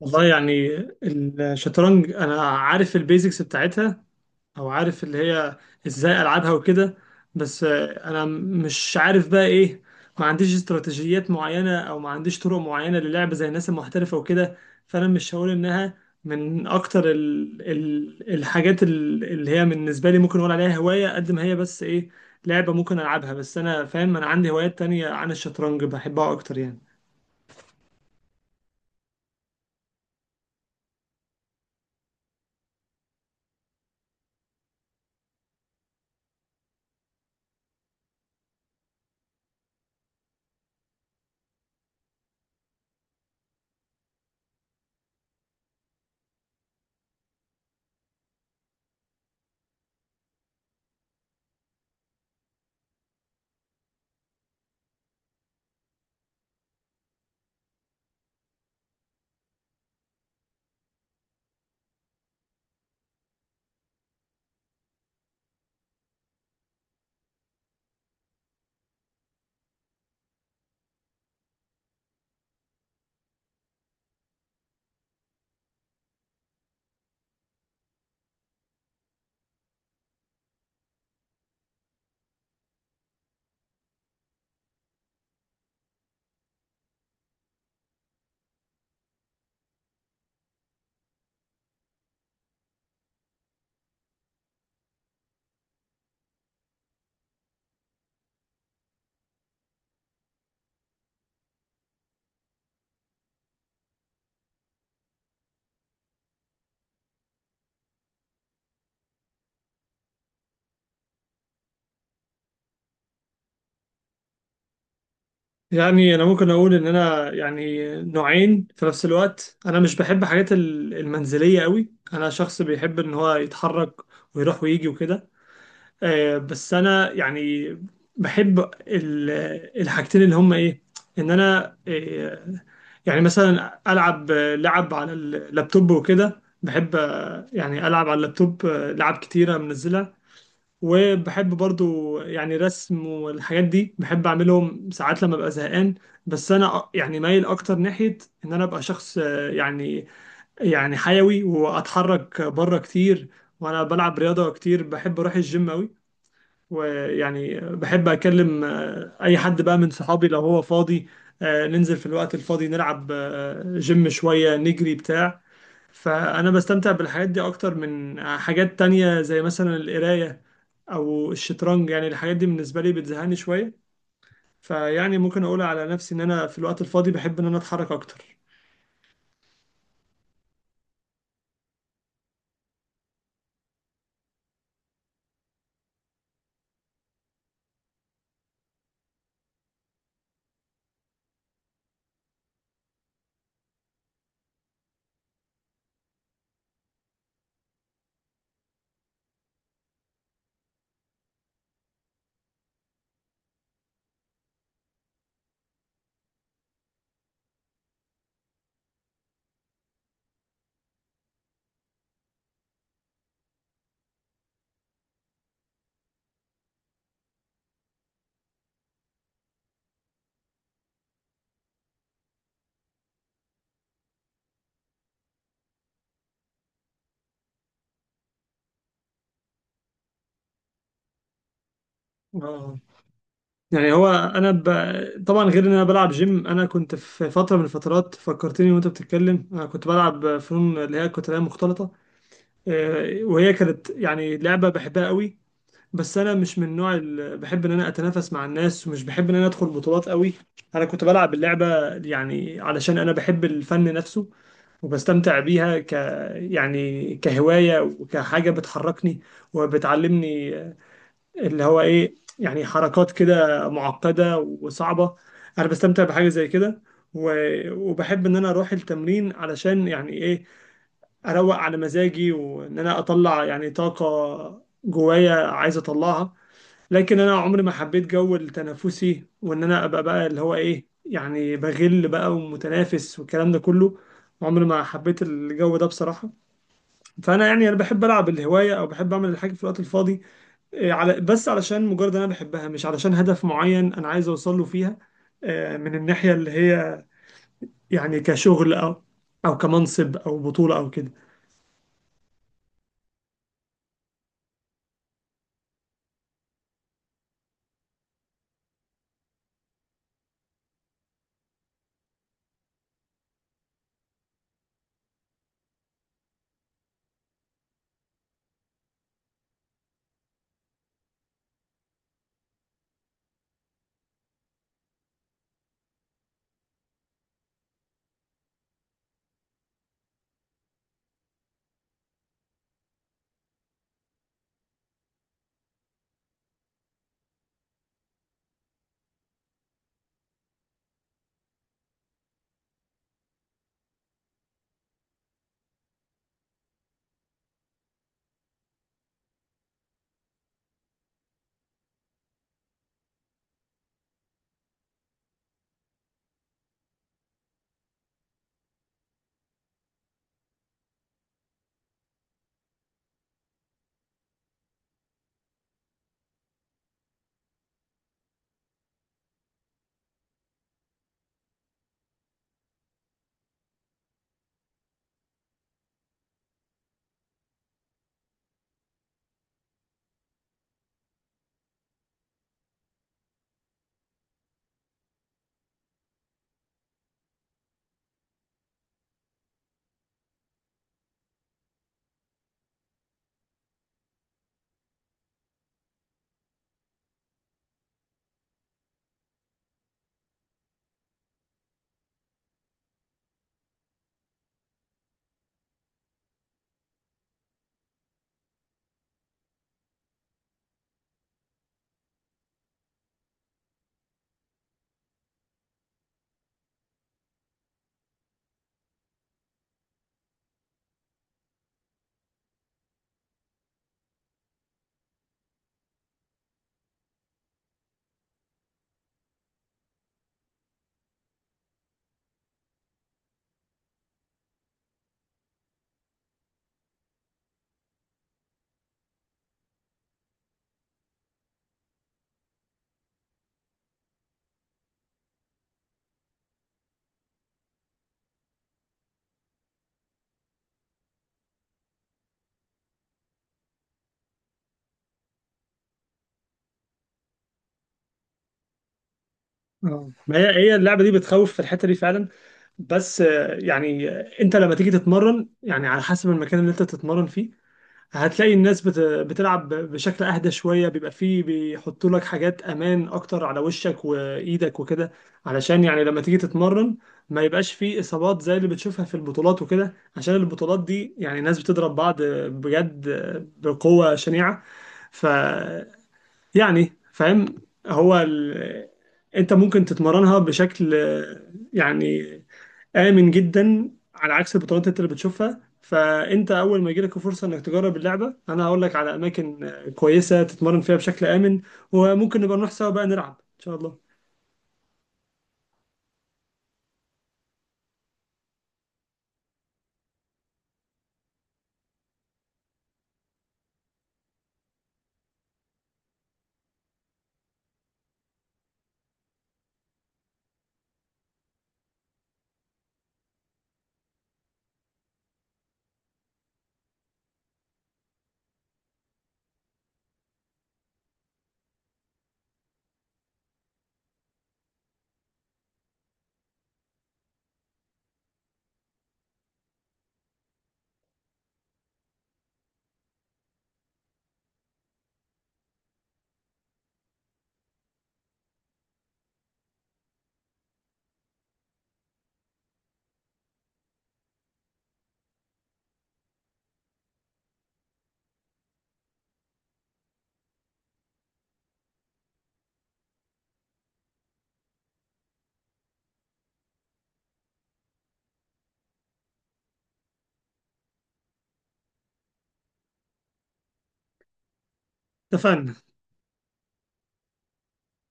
والله يعني الشطرنج انا عارف البيزكس بتاعتها، او عارف اللي هي ازاي العبها وكده. بس انا مش عارف بقى ايه. ما عنديش استراتيجيات معينة او ما عنديش طرق معينة للعب زي الناس المحترفة وكده. فانا مش هقول انها من اكتر ال الحاجات اللي هي بالنسبة لي ممكن اقول عليها هواية، قد ما هي بس ايه لعبة ممكن العبها. بس انا فاهم انا عندي هوايات تانية عن الشطرنج بحبها اكتر يعني. يعني انا ممكن اقول ان انا يعني نوعين في نفس الوقت. انا مش بحب حاجات المنزليه قوي، انا شخص بيحب ان هو يتحرك ويروح ويجي وكده. بس انا يعني بحب ال- الحاجتين اللي هم ايه، ان انا يعني مثلا العب لعب على اللابتوب وكده. بحب يعني العب على اللابتوب لعب كتيره منزلها. وبحب برضو يعني رسم والحاجات دي بحب اعملهم ساعات لما ابقى زهقان. بس انا يعني مايل اكتر ناحية ان انا ابقى شخص يعني حيوي واتحرك بره كتير. وانا بلعب رياضة كتير، بحب اروح الجيم قوي. ويعني بحب اكلم اي حد بقى من صحابي لو هو فاضي. ننزل في الوقت الفاضي نلعب جيم شوية نجري بتاع. فأنا بستمتع بالحاجات دي أكتر من حاجات تانية زي مثلا القراية أو الشطرنج. يعني الحاجات دي بالنسبة لي بتزهقني شوية. فيعني ممكن أقول على نفسي إن أنا في الوقت الفاضي بحب إن أنا أتحرك أكتر. اه، يعني طبعا غير إن أنا بلعب جيم، أنا كنت في فترة من الفترات، فكرتني وأنت بتتكلم، أنا كنت بلعب فنون اللي هي القتالية المختلطة. وهي كانت يعني لعبة بحبها قوي. بس انا مش من النوع اللي بحب ان انا اتنافس مع الناس، ومش بحب ان انا ادخل بطولات قوي. انا كنت بلعب اللعبه يعني علشان انا بحب الفن نفسه، وبستمتع بيها يعني كهوايه وكحاجه بتحركني وبتعلمني اللي هو ايه، يعني حركات كده معقده وصعبه. انا بستمتع بحاجه زي كده. و... وبحب ان انا اروح التمرين علشان يعني ايه، اروق على مزاجي وان انا اطلع يعني طاقه جوايا عايز اطلعها. لكن انا عمري ما حبيت جو التنافسي، وان انا ابقى بقى اللي هو ايه، يعني بغل بقى ومتنافس والكلام ده كله. عمري ما حبيت الجو ده بصراحة. فانا يعني انا بحب العب الهواية او بحب اعمل الحاجة في الوقت الفاضي إيه، على بس علشان مجرد إن انا بحبها، مش علشان هدف معين انا عايز اوصل له فيها. من الناحية اللي هي يعني كشغل او كمنصب او بطولة او كده. اه، ما هي هي اللعبة دي بتخوف في الحتة دي فعلا. بس يعني انت لما تيجي تتمرن، يعني على حسب المكان اللي انت تتمرن فيه هتلاقي الناس بتلعب بشكل اهدى شوية. بيبقى فيه بيحطوا لك حاجات امان اكتر على وشك وايدك وكده، علشان يعني لما تيجي تتمرن ما يبقاش فيه اصابات زي اللي بتشوفها في البطولات وكده. عشان البطولات دي يعني ناس بتضرب بعض بجد، بقوة شنيعة. ف يعني فاهم. هو ال... انت ممكن تتمرنها بشكل يعني آمن جدا، على عكس البطولات اللي بتشوفها. فأنت أول ما يجيلك فرصة إنك تجرب اللعبة، أنا هقول لك على أماكن كويسة تتمرن فيها بشكل آمن. وممكن نبقى نروح سوا بقى نلعب إن شاء الله. اتفقنا.